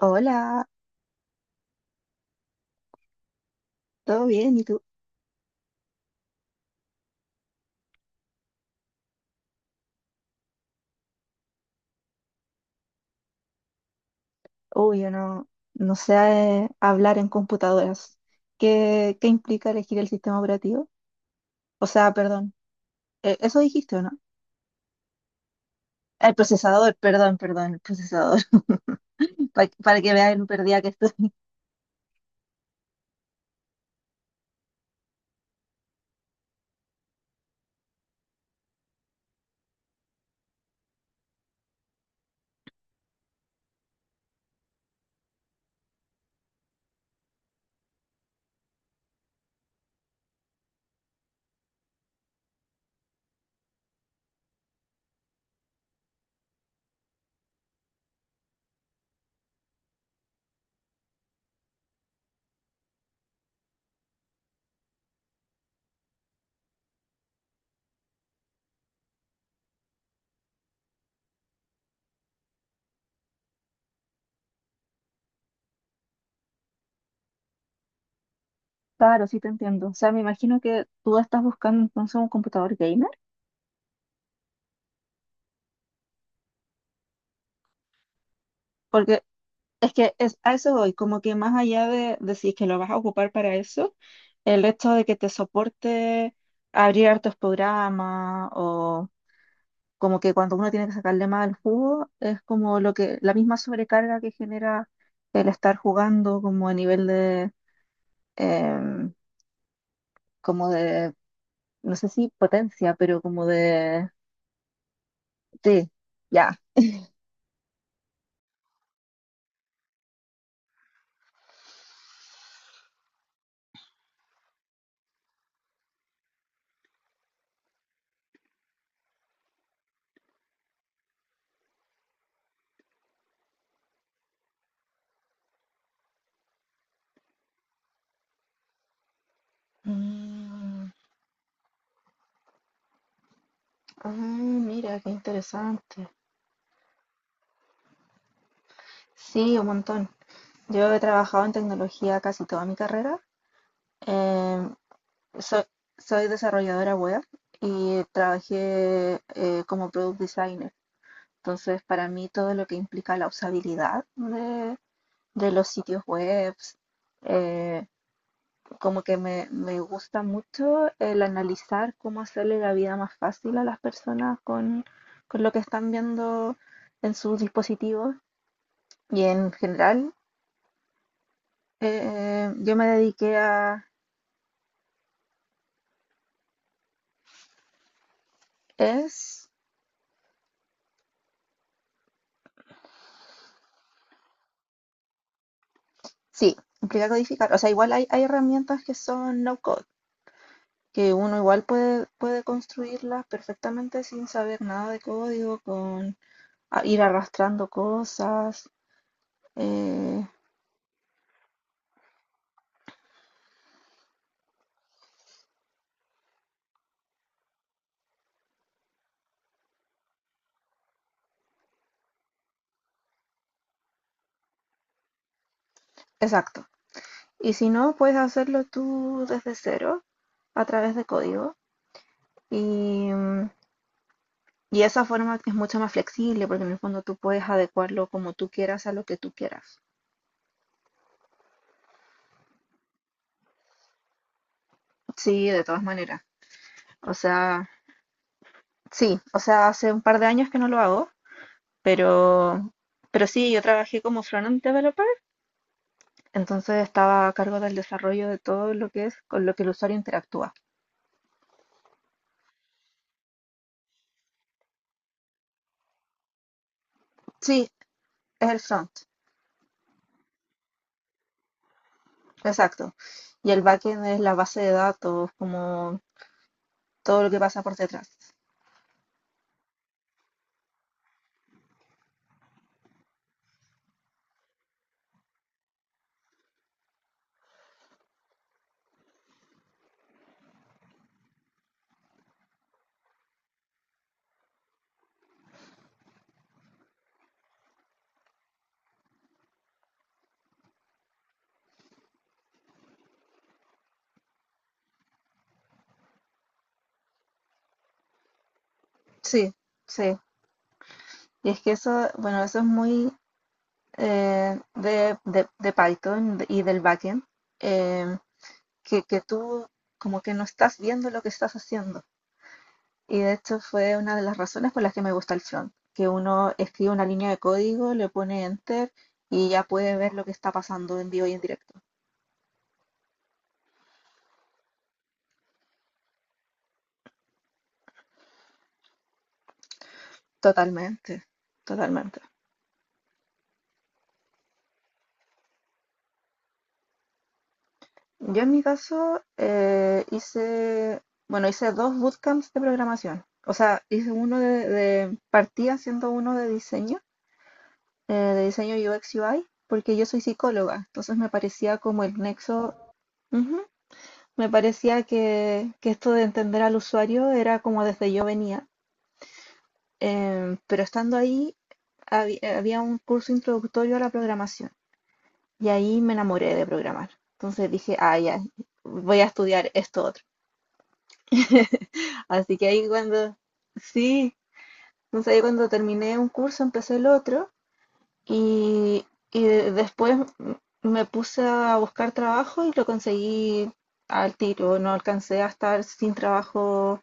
Hola, ¿todo bien? ¿Y tú? Uy, yo no, no sé hablar en computadoras. ¿Qué implica elegir el sistema operativo? O sea, perdón, eso dijiste, ¿o no? El procesador, perdón, perdón, el procesador. Para que veas lo perdida que estoy. Claro, sí te entiendo. O sea, me imagino que tú estás buscando entonces un computador gamer, porque es que es, a eso voy, como que más allá de decir que lo vas a ocupar para eso, el hecho de que te soporte abrir hartos programas o como que cuando uno tiene que sacarle más al jugo, es como lo que, la misma sobrecarga que genera el estar jugando como a nivel de, em, como de, no sé si potencia, pero como de, sí, ya. Mm, ah, mira, qué interesante. Sí, un montón. Yo he trabajado en tecnología casi toda mi carrera. Em, soy, soy desarrolladora web y trabajé como product designer. Entonces, para mí todo lo que implica la usabilidad de los sitios web, eh, como que me gusta mucho el analizar cómo hacerle la vida más fácil a las personas con lo que están viendo en sus dispositivos. Y en general, yo me dediqué a... Es... Sí, implica codificar. O sea, igual hay herramientas que son no code, que uno igual puede construirlas perfectamente sin saber nada de código, con ir arrastrando cosas. eh, exacto. Y si no, puedes hacerlo tú desde cero a través de código. Y y esa forma es mucho más flexible porque en el fondo tú puedes adecuarlo como tú quieras a lo que tú quieras. Sí, de todas maneras. O sea, sí, o sea, hace un par de años que no lo hago, pero, pero sí, yo trabajé como front-end developer, entonces estaba a cargo del desarrollo de todo lo que es con lo que el usuario interactúa. Sí, es el front. Exacto. Y el backend es la base de datos, como todo lo que pasa por detrás. Sí, sí. Y es que eso, bueno, eso es muy de Python y del backend, eh, que tú como que no estás viendo lo que estás haciendo. Y de hecho fue una de las razones por las que me gusta el front, que uno escribe una línea de código, le pone enter y ya puede ver lo que está pasando en vivo y en directo. Totalmente, totalmente. Yo en mi caso bueno, hice dos bootcamps de programación. O sea, hice uno partí haciendo uno de diseño UX UI, porque yo soy psicóloga, entonces me parecía como el nexo, ujú, me parecía que esto de entender al usuario era como desde yo venía. Em, pero estando ahí, había un curso introductorio a la programación y ahí me enamoré de programar. Entonces dije, ah, ya, voy a estudiar esto otro. Así que ahí cuando, sí, entonces ahí cuando terminé un curso empecé el otro y, después m- me puse a buscar trabajo y lo conseguí al tiro. No alcancé a estar sin trabajo.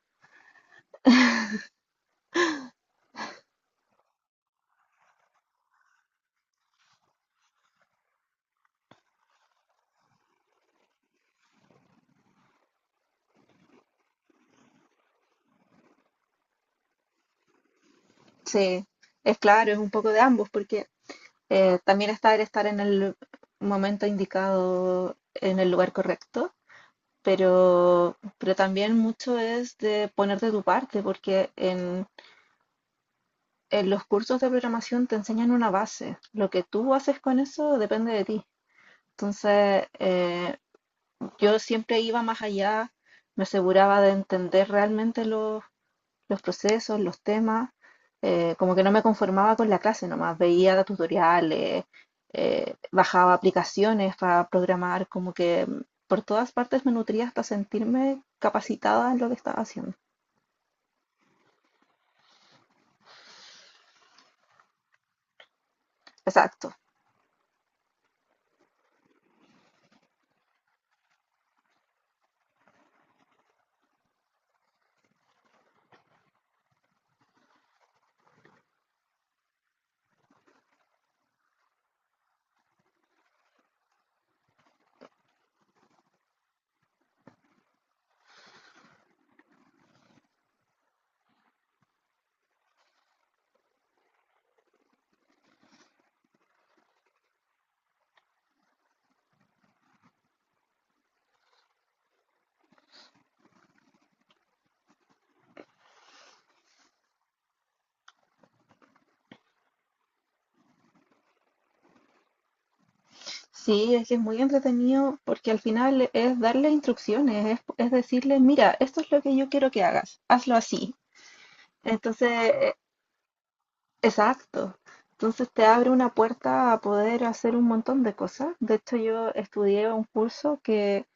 Sí, es claro, es un poco de ambos porque también estar en el momento indicado, en el lugar correcto. Pero también mucho es de ponerte de tu parte, porque en los cursos de programación te enseñan una base. Lo que tú haces con eso depende de ti. Entonces, yo siempre iba más allá, me aseguraba de entender realmente los procesos, los temas, como que no me conformaba con la clase nomás, veía tutoriales, bajaba aplicaciones para programar, como que por todas partes me nutría hasta sentirme capacitada en lo que estaba haciendo. Exacto. Sí, es que es muy entretenido porque al final es darle instrucciones, es decirle, mira, esto es lo que yo quiero que hagas, hazlo así. Entonces, exacto. Entonces te abre una puerta a poder hacer un montón de cosas. De hecho, yo estudié un curso que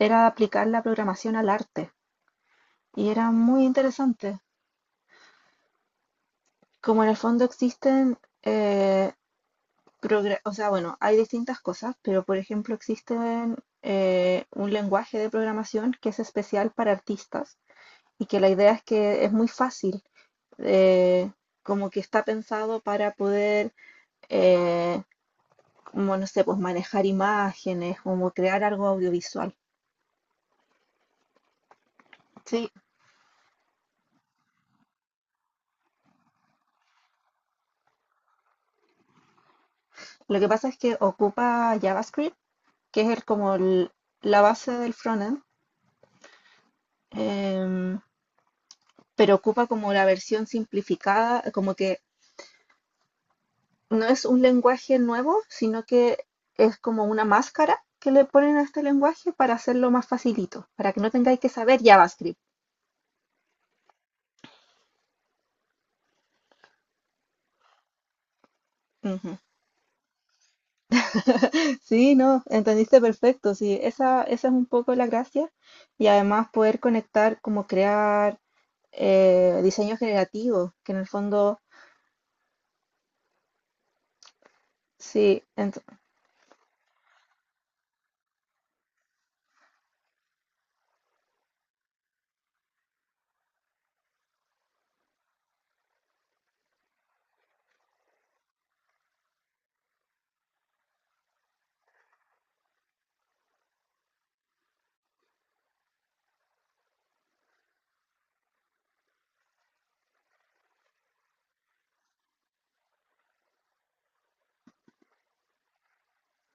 era aplicar la programación al arte y era muy interesante. Como en el fondo existen eh, o sea, bueno, hay distintas cosas, pero por ejemplo existen un lenguaje de programación que es especial para artistas y que la idea es que es muy fácil, eh, como que está pensado para poder, eh, como no sé, pues manejar imágenes, como crear algo audiovisual. Sí, lo que pasa es que ocupa JavaScript, como la base del frontend, em, pero ocupa como la versión simplificada, como que no es un lenguaje nuevo, sino que es como una máscara que le ponen a este lenguaje para hacerlo más facilito, para que no tengáis que saber JavaScript. Ujú. Sí, no, entendiste perfecto. Sí, esa es un poco la gracia. Y además poder conectar, como crear diseño generativo, que en el fondo, sí,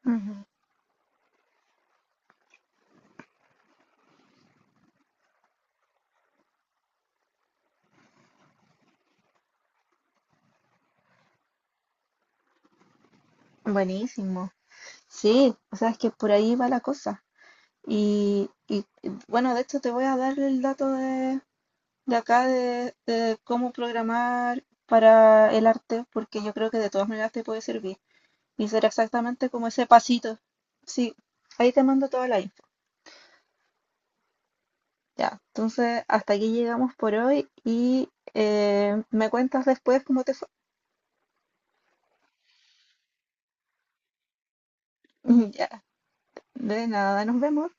ujú, buenísimo. Sí, o sea, es que por ahí va la cosa. Y, y, bueno, de hecho te voy a dar el dato de acá de cómo programar para el arte, porque yo creo que de todas maneras te puede servir. Y será exactamente como ese pasito. Sí, ahí te mando toda la info. Ya, entonces hasta aquí llegamos por hoy y me cuentas después cómo te fue. Ya, de nada, nos vemos.